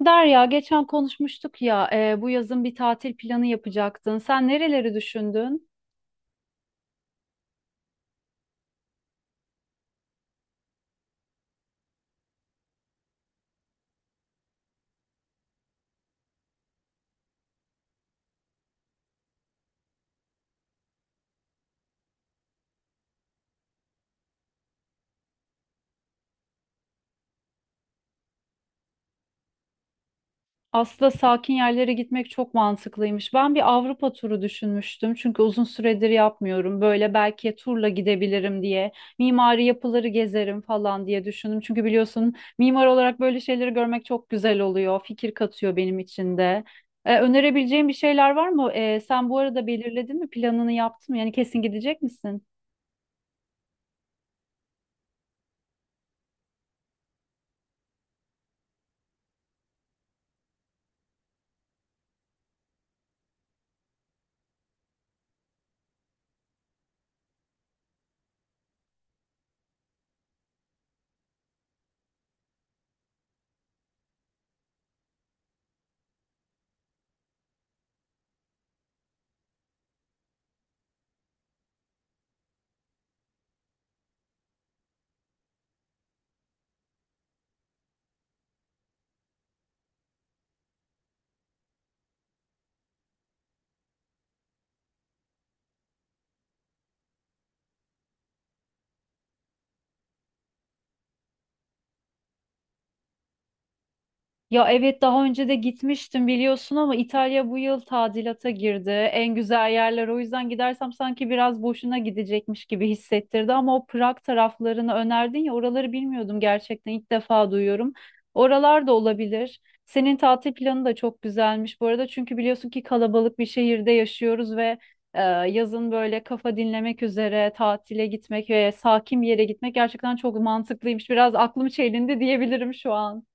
Derya, geçen konuşmuştuk ya, bu yazın bir tatil planı yapacaktın. Sen nereleri düşündün? Aslında sakin yerlere gitmek çok mantıklıymış. Ben bir Avrupa turu düşünmüştüm çünkü uzun süredir yapmıyorum. Böyle belki turla gidebilirim diye, mimari yapıları gezerim falan diye düşündüm. Çünkü biliyorsun mimar olarak böyle şeyleri görmek çok güzel oluyor, fikir katıyor benim için de. Önerebileceğin bir şeyler var mı? Sen bu arada belirledin mi, planını yaptın mı? Yani kesin gidecek misin? Ya evet, daha önce de gitmiştim biliyorsun ama İtalya bu yıl tadilata girdi. En güzel yerler, o yüzden gidersem sanki biraz boşuna gidecekmiş gibi hissettirdi ama o Prag taraflarını önerdin ya, oraları bilmiyordum, gerçekten ilk defa duyuyorum. Oralar da olabilir. Senin tatil planı da çok güzelmiş bu arada, çünkü biliyorsun ki kalabalık bir şehirde yaşıyoruz ve yazın böyle kafa dinlemek üzere tatile gitmek ve sakin bir yere gitmek gerçekten çok mantıklıymış. Biraz aklım çelindi diyebilirim şu an.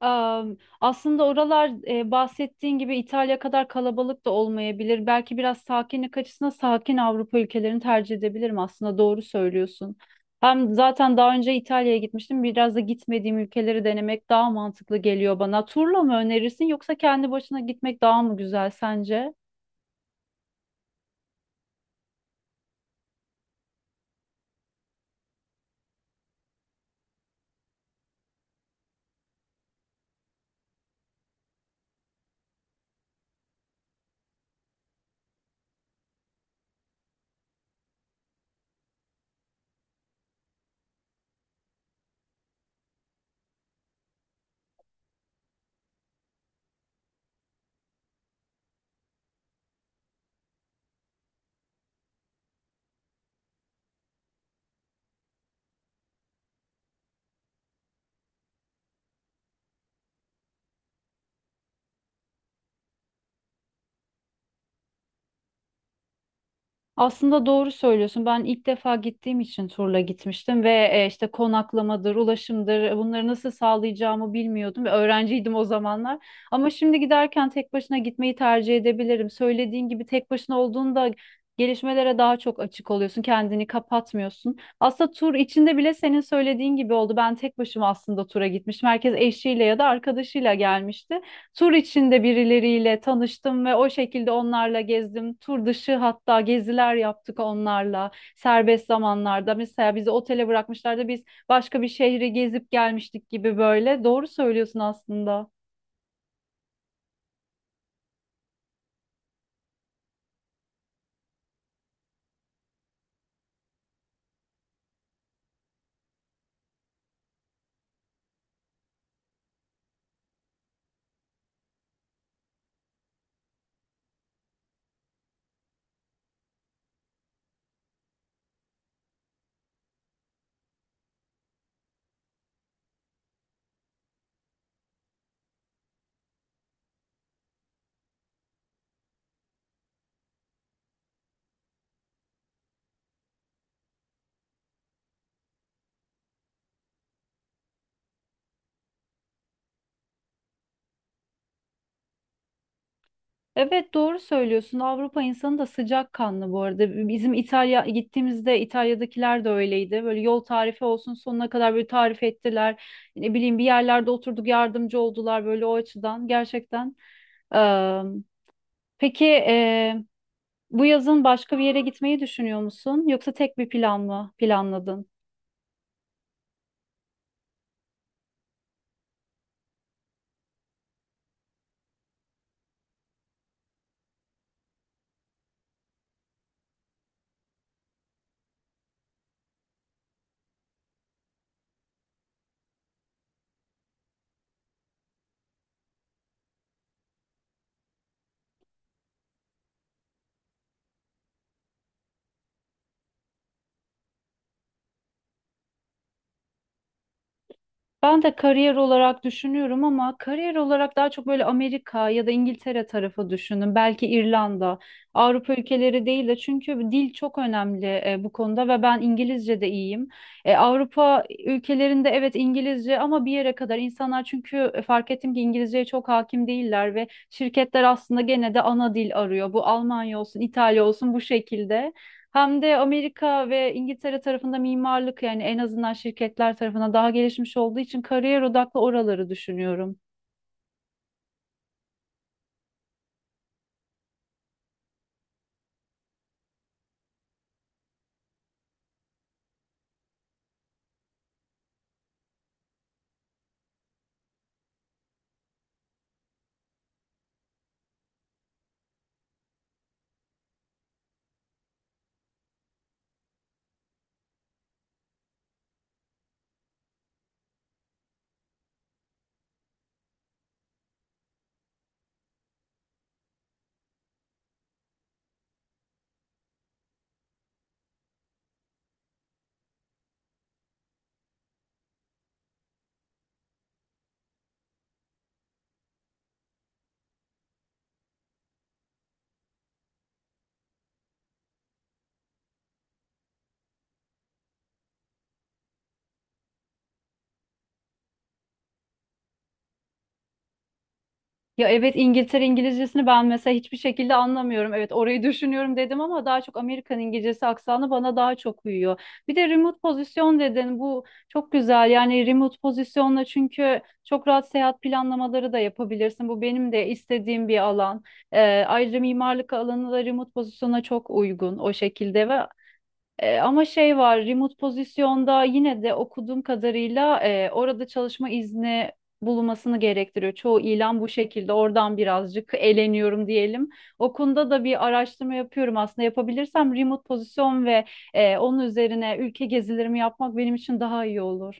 Aslında oralar bahsettiğin gibi İtalya kadar kalabalık da olmayabilir. Belki biraz sakinlik açısından sakin Avrupa ülkelerini tercih edebilirim. Aslında doğru söylüyorsun. Hem zaten daha önce İtalya'ya gitmiştim. Biraz da gitmediğim ülkeleri denemek daha mantıklı geliyor bana. Turla mı önerirsin, yoksa kendi başına gitmek daha mı güzel sence? Aslında doğru söylüyorsun. Ben ilk defa gittiğim için turla gitmiştim ve işte konaklamadır, ulaşımdır, bunları nasıl sağlayacağımı bilmiyordum ve öğrenciydim o zamanlar. Ama şimdi giderken tek başına gitmeyi tercih edebilirim. Söylediğin gibi tek başına olduğunda gelişmelere daha çok açık oluyorsun, kendini kapatmıyorsun. Aslında tur içinde bile senin söylediğin gibi oldu. Ben tek başıma aslında tura gitmiştim. Herkes eşiyle ya da arkadaşıyla gelmişti. Tur içinde birileriyle tanıştım ve o şekilde onlarla gezdim. Tur dışı hatta geziler yaptık onlarla serbest zamanlarda. Mesela bizi otele bırakmışlardı. Biz başka bir şehri gezip gelmiştik gibi böyle. Doğru söylüyorsun aslında. Evet, doğru söylüyorsun. Avrupa insanı da sıcakkanlı bu arada. Bizim İtalya gittiğimizde İtalya'dakiler de öyleydi. Böyle yol tarifi olsun, sonuna kadar böyle tarif ettiler. Ne bileyim bir yerlerde oturduk, yardımcı oldular böyle o açıdan. Gerçekten. Peki, bu yazın başka bir yere gitmeyi düşünüyor musun? Yoksa tek bir plan mı planladın? Ben de kariyer olarak düşünüyorum ama kariyer olarak daha çok böyle Amerika ya da İngiltere tarafı düşündüm. Belki İrlanda, Avrupa ülkeleri değil de, çünkü dil çok önemli bu konuda ve ben İngilizce de iyiyim. Avrupa ülkelerinde evet İngilizce ama bir yere kadar insanlar, çünkü fark ettim ki İngilizceye çok hakim değiller ve şirketler aslında gene de ana dil arıyor. Bu Almanya olsun, İtalya olsun bu şekilde. Hem de Amerika ve İngiltere tarafında mimarlık, yani en azından şirketler tarafından daha gelişmiş olduğu için kariyer odaklı oraları düşünüyorum. Ya evet, İngiltere İngilizcesini ben mesela hiçbir şekilde anlamıyorum. Evet, orayı düşünüyorum dedim ama daha çok Amerikan İngilizcesi aksanı bana daha çok uyuyor. Bir de remote pozisyon dedin, bu çok güzel yani remote pozisyonla, çünkü çok rahat seyahat planlamaları da yapabilirsin. Bu benim de istediğim bir alan. Ee, Ayrıca mimarlık alanı da remote pozisyona çok uygun o şekilde ve ama şey var, remote pozisyonda yine de okuduğum kadarıyla orada çalışma izni bulunmasını gerektiriyor. Çoğu ilan bu şekilde. Oradan birazcık eleniyorum diyelim. O konuda da bir araştırma yapıyorum aslında. Yapabilirsem remote pozisyon ve onun üzerine ülke gezilerimi yapmak benim için daha iyi olur.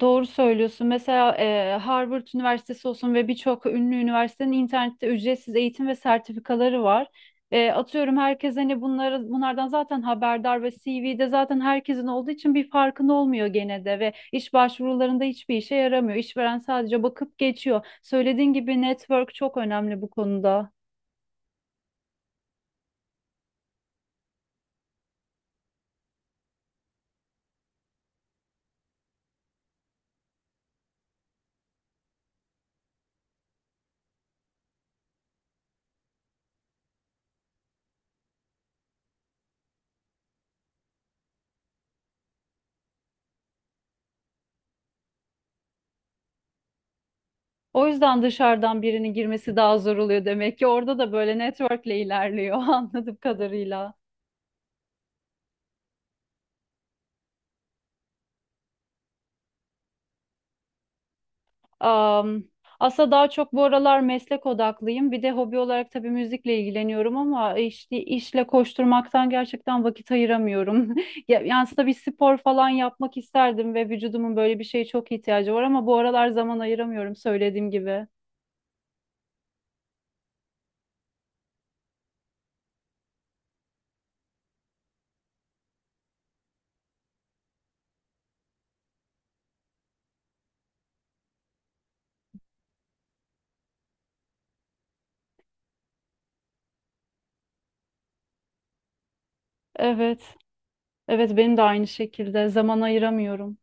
Doğru söylüyorsun. Mesela Harvard Üniversitesi olsun ve birçok ünlü üniversitenin internette ücretsiz eğitim ve sertifikaları var. Atıyorum, herkes hani bunlardan zaten haberdar ve CV'de zaten herkesin olduğu için bir farkında olmuyor gene de ve iş başvurularında hiçbir işe yaramıyor. İşveren sadece bakıp geçiyor. Söylediğin gibi network çok önemli bu konuda. O yüzden dışarıdan birinin girmesi daha zor oluyor demek ki. Orada da böyle networkle ilerliyor anladığım kadarıyla. Am, Aslında daha çok bu aralar meslek odaklıyım. Bir de hobi olarak tabii müzikle ilgileniyorum ama işte işle koşturmaktan gerçekten vakit ayıramıyorum. Yani aslında bir spor falan yapmak isterdim ve vücudumun böyle bir şeye çok ihtiyacı var ama bu aralar zaman ayıramıyorum söylediğim gibi. Evet, evet benim de aynı şekilde zaman ayıramıyorum.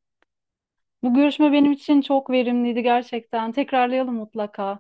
Bu görüşme benim için çok verimliydi gerçekten. Tekrarlayalım mutlaka.